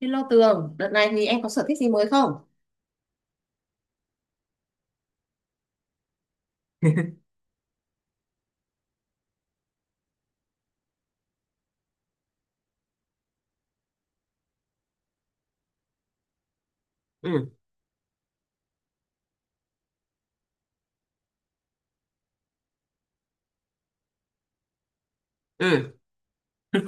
Hello Tường, đợt này thì em có sở thích gì mới không? Ừ, ừ.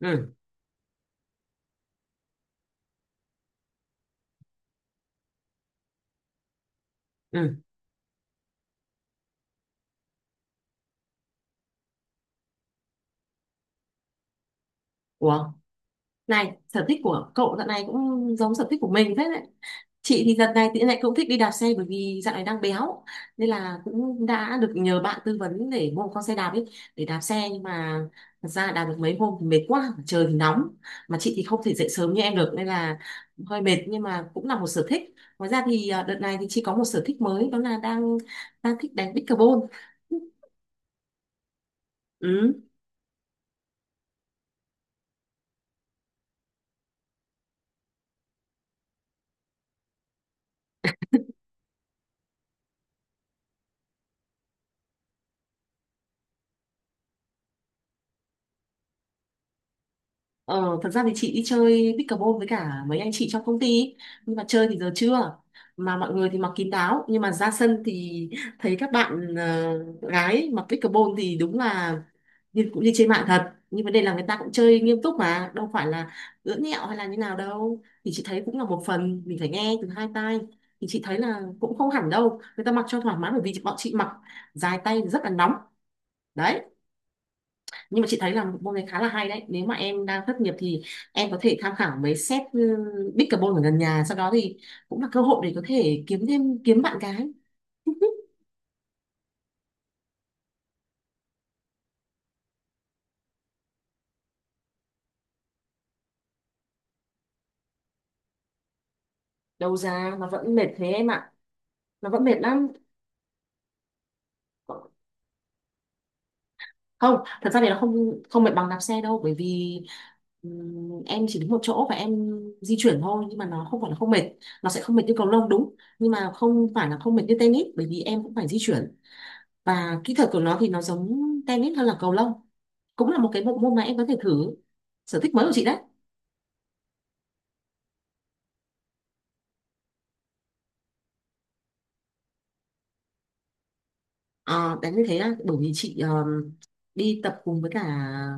Ừ, ừ. Ủa, này, sở thích của cậu đợt này cũng giống sở thích của mình thế đấy. Chị thì đợt này thì lại cũng thích đi đạp xe bởi vì dạo này đang béo. Nên là cũng đã được nhờ bạn tư vấn để mua một con xe đạp ấy, để đạp xe. Nhưng mà thật ra đạp được mấy hôm thì mệt quá, trời thì nóng. Mà chị thì không thể dậy sớm như em được nên là hơi mệt nhưng mà cũng là một sở thích. Ngoài ra thì à, đợt này thì chị có một sở thích mới đó là đang đang thích đánh pickleball. Ừ. Ờ, thật ra thì chị đi chơi pickleball với cả mấy anh chị trong công ty ý. Nhưng mà chơi thì giờ chưa mà mọi người thì mặc kín đáo nhưng mà ra sân thì thấy các bạn gái mặc pickleball thì đúng là như, cũng như trên mạng thật nhưng vấn đề là người ta cũng chơi nghiêm túc mà đâu phải là ưỡn nhẹo hay là như nào đâu thì chị thấy cũng là một phần mình phải nghe từ hai tai thì chị thấy là cũng không hẳn đâu người ta mặc cho thoải mái bởi vì bọn chị mặc dài tay thì rất là nóng đấy nhưng mà chị thấy là một môn này khá là hay đấy nếu mà em đang thất nghiệp thì em có thể tham khảo mấy set pickleball ở gần nhà sau đó thì cũng là cơ hội để có thể kiếm thêm kiếm bạn gái đầu ra nó vẫn mệt thế em ạ, nó vẫn mệt lắm. Không thật ra thì nó không không mệt bằng đạp xe đâu bởi vì em chỉ đứng một chỗ và em di chuyển thôi nhưng mà nó không phải là không mệt, nó sẽ không mệt như cầu lông đúng nhưng mà không phải là không mệt như tennis bởi vì em cũng phải di chuyển và kỹ thuật của nó thì nó giống tennis hơn là cầu lông, cũng là một cái bộ môn mà em có thể thử, sở thích mới của chị đấy. Ờ, tại như thế á, bởi vì chị đi tập cùng với cả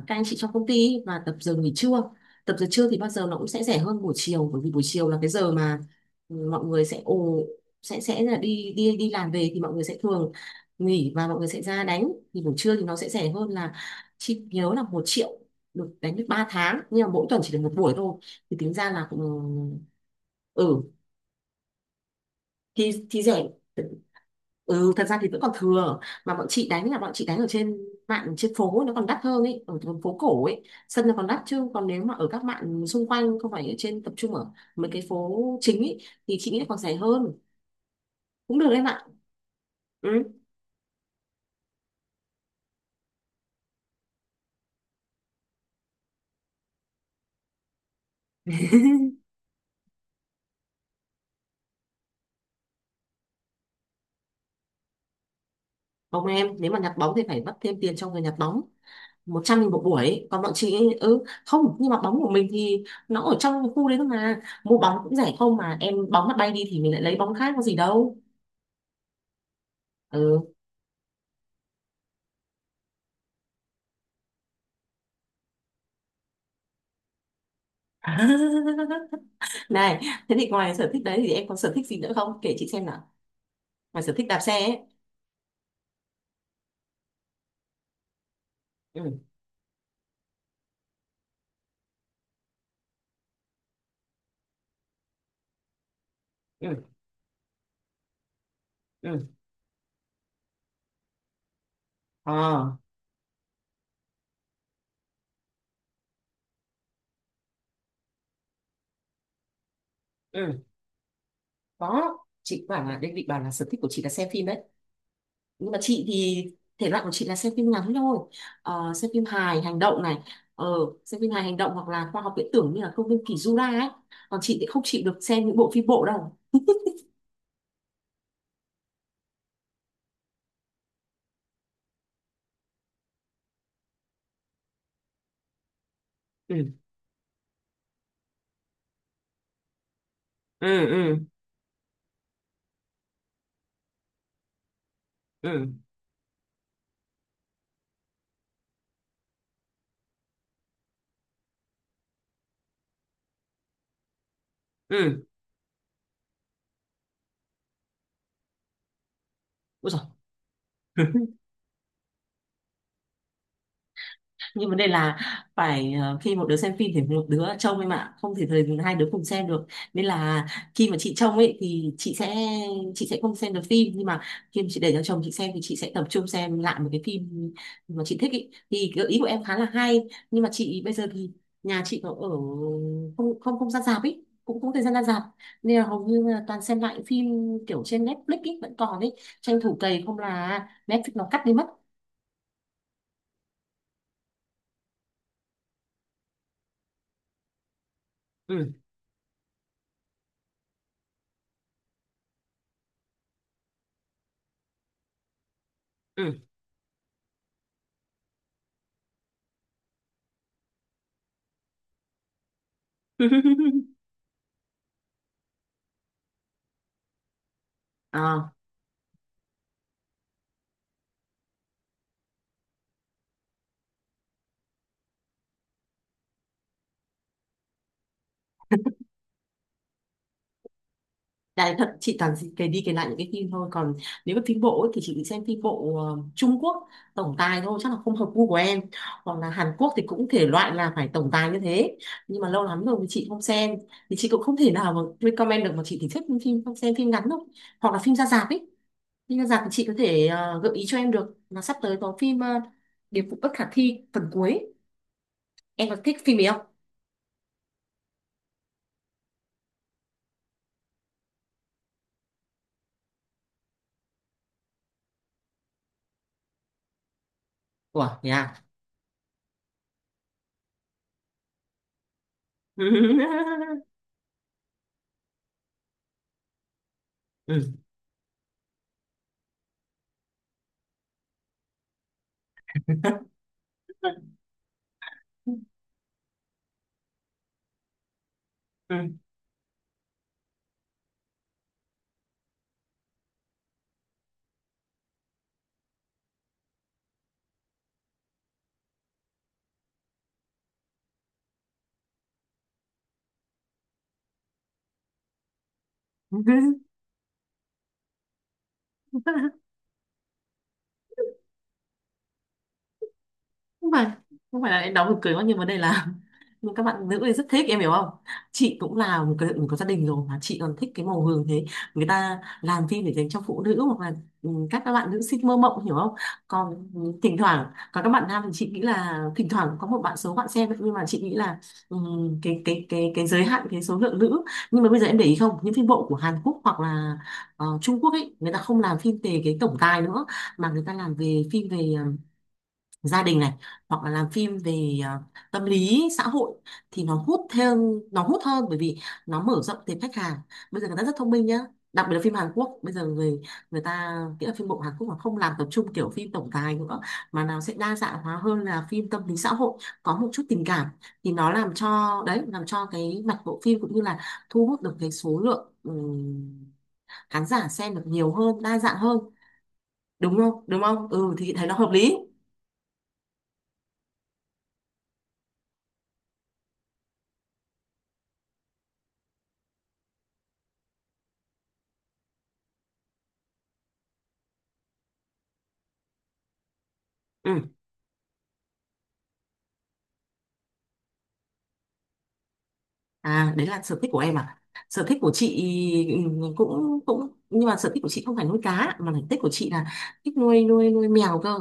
các anh chị trong công ty và tập giờ nghỉ trưa. Tập giờ trưa thì bao giờ nó cũng sẽ rẻ hơn buổi chiều bởi vì buổi chiều là cái giờ mà mọi người sẽ ồ sẽ là đi đi đi làm về thì mọi người sẽ thường nghỉ và mọi người sẽ ra đánh, thì buổi trưa thì nó sẽ rẻ hơn là chị nhớ là 1.000.000 được đánh được 3 tháng nhưng mà mỗi tuần chỉ được một buổi thôi, thì tính ra là cũng ừ thì rẻ. Ừ thật ra thì vẫn còn thừa mà bọn chị đánh là bọn chị đánh ở trên mạng trên phố nó còn đắt hơn ấy, ở đường phố cổ ấy sân nó còn đắt chứ còn nếu mà ở các mạng xung quanh không phải ở trên tập trung ở mấy cái phố chính ấy thì chị nghĩ là còn rẻ hơn, cũng được em ạ. Ừ. Ông em nếu mà nhặt bóng thì phải mất thêm tiền cho người nhặt bóng 100.000 một buổi ấy. Còn bọn chị ấy, ừ không nhưng mà bóng của mình thì nó ở trong khu đấy thôi mà mua bóng cũng rẻ không mà em, bóng mà bay đi thì mình lại lấy bóng khác có gì đâu. Ừ. Này, thế thì ngoài sở thích đấy thì em có sở thích gì nữa không? Kể chị xem nào. Ngoài sở thích đạp xe ấy. Ừ, ừ, ừ. À, ừ, có. Chị bảo là, định bảo là sở thích của chị là xem phim đấy. Nhưng mà chị thì thể loại của chị là xem phim ngắn thôi. Ờ, xem phim hài, hành động này. Ờ, xem phim hài, hành động hoặc là khoa học viễn tưởng như là công viên Kỳ Jura ấy. Còn chị thì không chịu được xem những bộ phim bộ đâu. Ừ, ừ, ừ, ừ, ừ. Ôi giời. Nhưng vấn đề là phải ờ, khi một đứa xem phim thì một đứa trông em ạ, không thể thời hai đứa cùng xem được nên là khi mà chị trông ấy thì chị sẽ không xem được phim nhưng mà khi mà chị để cho chồng chị xem thì chị sẽ tập trung xem lại một cái phim mà chị thích ý. Thì gợi ý của em khá là hay nhưng mà chị bây giờ thì nhà chị có ở không không không ra rạp ấy cũng không thời gian ra rạp nên là hầu như là toàn xem lại phim kiểu trên Netflix ấy vẫn còn ấy, tranh thủ cày không là Netflix nó cắt đi mất. Ừ. Ừ. À. Đấy, thật chị toàn cái đi kể lại những cái phim thôi còn nếu mà phim bộ ấy, thì chị chỉ xem phim bộ Trung Quốc tổng tài thôi chắc là không hợp gu của em, hoặc là Hàn Quốc thì cũng thể loại là phải tổng tài như thế nhưng mà lâu lắm rồi thì chị không xem thì chị cũng không thể nào mà recommend được mà chị thì thích phim xem phim ngắn thôi hoặc là phim ra rạp ấy, phim ra rạp thì chị có thể gợi ý cho em được là sắp tới có phim Điệp vụ bất khả thi phần cuối, em có thích phim ấy không? Ủa, thế à? Ừ. Ừ. Ừ. không phải không phải là em đóng buồn cười quá nhưng vấn đề là nhưng các bạn nữ thì rất thích em hiểu không, chị cũng là một cái mình có gia đình rồi mà chị còn thích cái màu hường thế, người ta làm phim để dành cho phụ nữ hoặc là ừ, các bạn nữ sinh mơ mộng hiểu không, còn ừ, thỉnh thoảng còn các bạn nam thì chị nghĩ là thỉnh thoảng có một bạn số bạn xem nhưng mà chị nghĩ là ừ, cái giới hạn cái số lượng nữ, nhưng mà bây giờ em để ý không những phim bộ của Hàn Quốc hoặc là Trung Quốc ấy người ta không làm phim về cái tổng tài nữa mà người ta làm về phim về ờ, gia đình này hoặc là làm phim về à, tâm lý xã hội thì nó hút theo, nó hút hơn bởi vì nó mở rộng tệp khách hàng, bây giờ người ta rất thông minh nhá, đặc biệt là phim Hàn Quốc bây giờ người người ta nghĩa là phim bộ Hàn Quốc mà không làm tập trung kiểu phim tổng tài nữa mà nào sẽ đa dạng hóa hơn là phim tâm lý xã hội, có một chút tình cảm thì nó làm cho đấy làm cho cái mặt bộ phim cũng như là thu hút được cái số lượng khán giả xem được nhiều hơn đa dạng hơn đúng không ừ thì thấy nó hợp lý. Ừ. À, đấy là sở thích của em à? Sở thích của chị ừ, cũng cũng nhưng mà sở thích của chị không phải nuôi cá mà sở thích của chị là thích nuôi nuôi nuôi mèo cơ.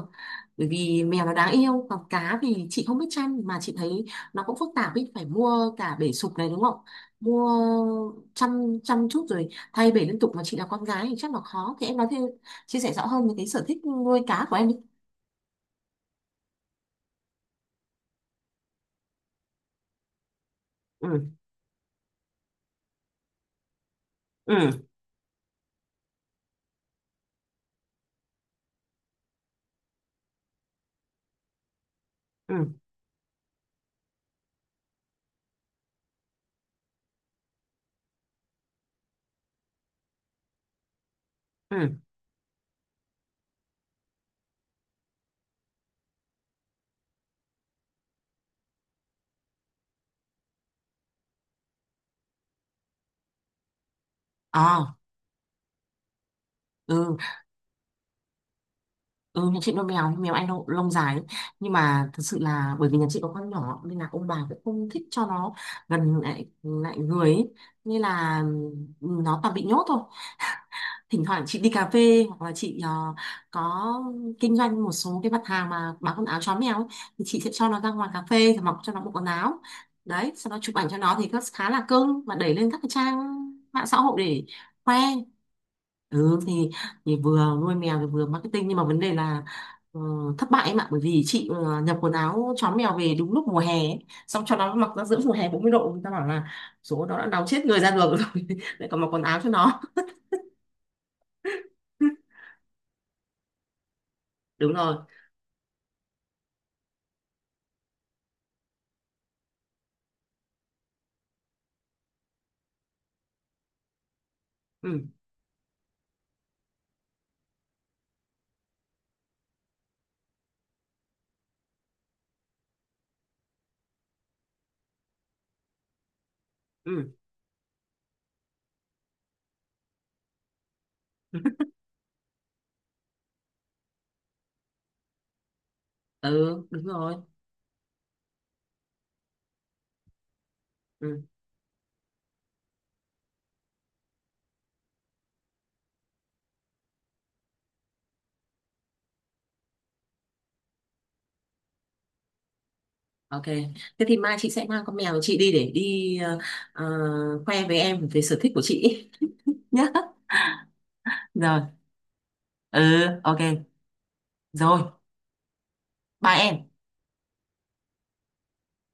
Bởi vì mèo nó đáng yêu, còn cá thì chị không biết chăm mà chị thấy nó cũng phức tạp ý, phải mua cả bể sục này đúng không? Mua chăm chăm chút rồi thay bể liên tục mà chị là con gái thì chắc là khó. Thì em nói thêm chia sẻ rõ hơn về cái sở thích nuôi cá của em đi. Ừ, ừ, ừ, ừ. À, ừ. Ừ, nhà chị nuôi mèo, mèo anh lông, lông dài ấy. Nhưng mà thật sự là bởi vì nhà chị có con nhỏ nên là ông bà cũng không thích cho nó gần lại lại người ấy. Nên là ừ, nó toàn bị nhốt thôi, thỉnh thoảng chị đi cà phê hoặc là chị có kinh doanh một số cái mặt hàng mà bán quần áo chó mèo ấy, thì chị sẽ cho nó ra ngoài cà phê rồi mặc cho nó bộ quần áo đấy, sau đó chụp ảnh cho nó thì nó khá là cưng mà đẩy lên các cái trang mạng xã hội để khoe. Ừ thì vừa nuôi mèo thì vừa marketing nhưng mà vấn đề là ờ, thất bại em ạ bởi vì chị nhập quần áo chó mèo về đúng lúc mùa hè ấy. Xong cho nó mặc ra giữa mùa hè 40 độ, người ta bảo là số nó đã nóng chết người ra đường rồi lại còn mặc quần áo cho nó. Đúng rồi. Ừ. Ừ. Ừ. Đúng rồi. Ừ. OK, thế thì mai chị sẽ mang con mèo của chị đi để đi ờ, khoe với em về sở thích của chị nhé. Rồi. Ừ. OK. Rồi. Bye em.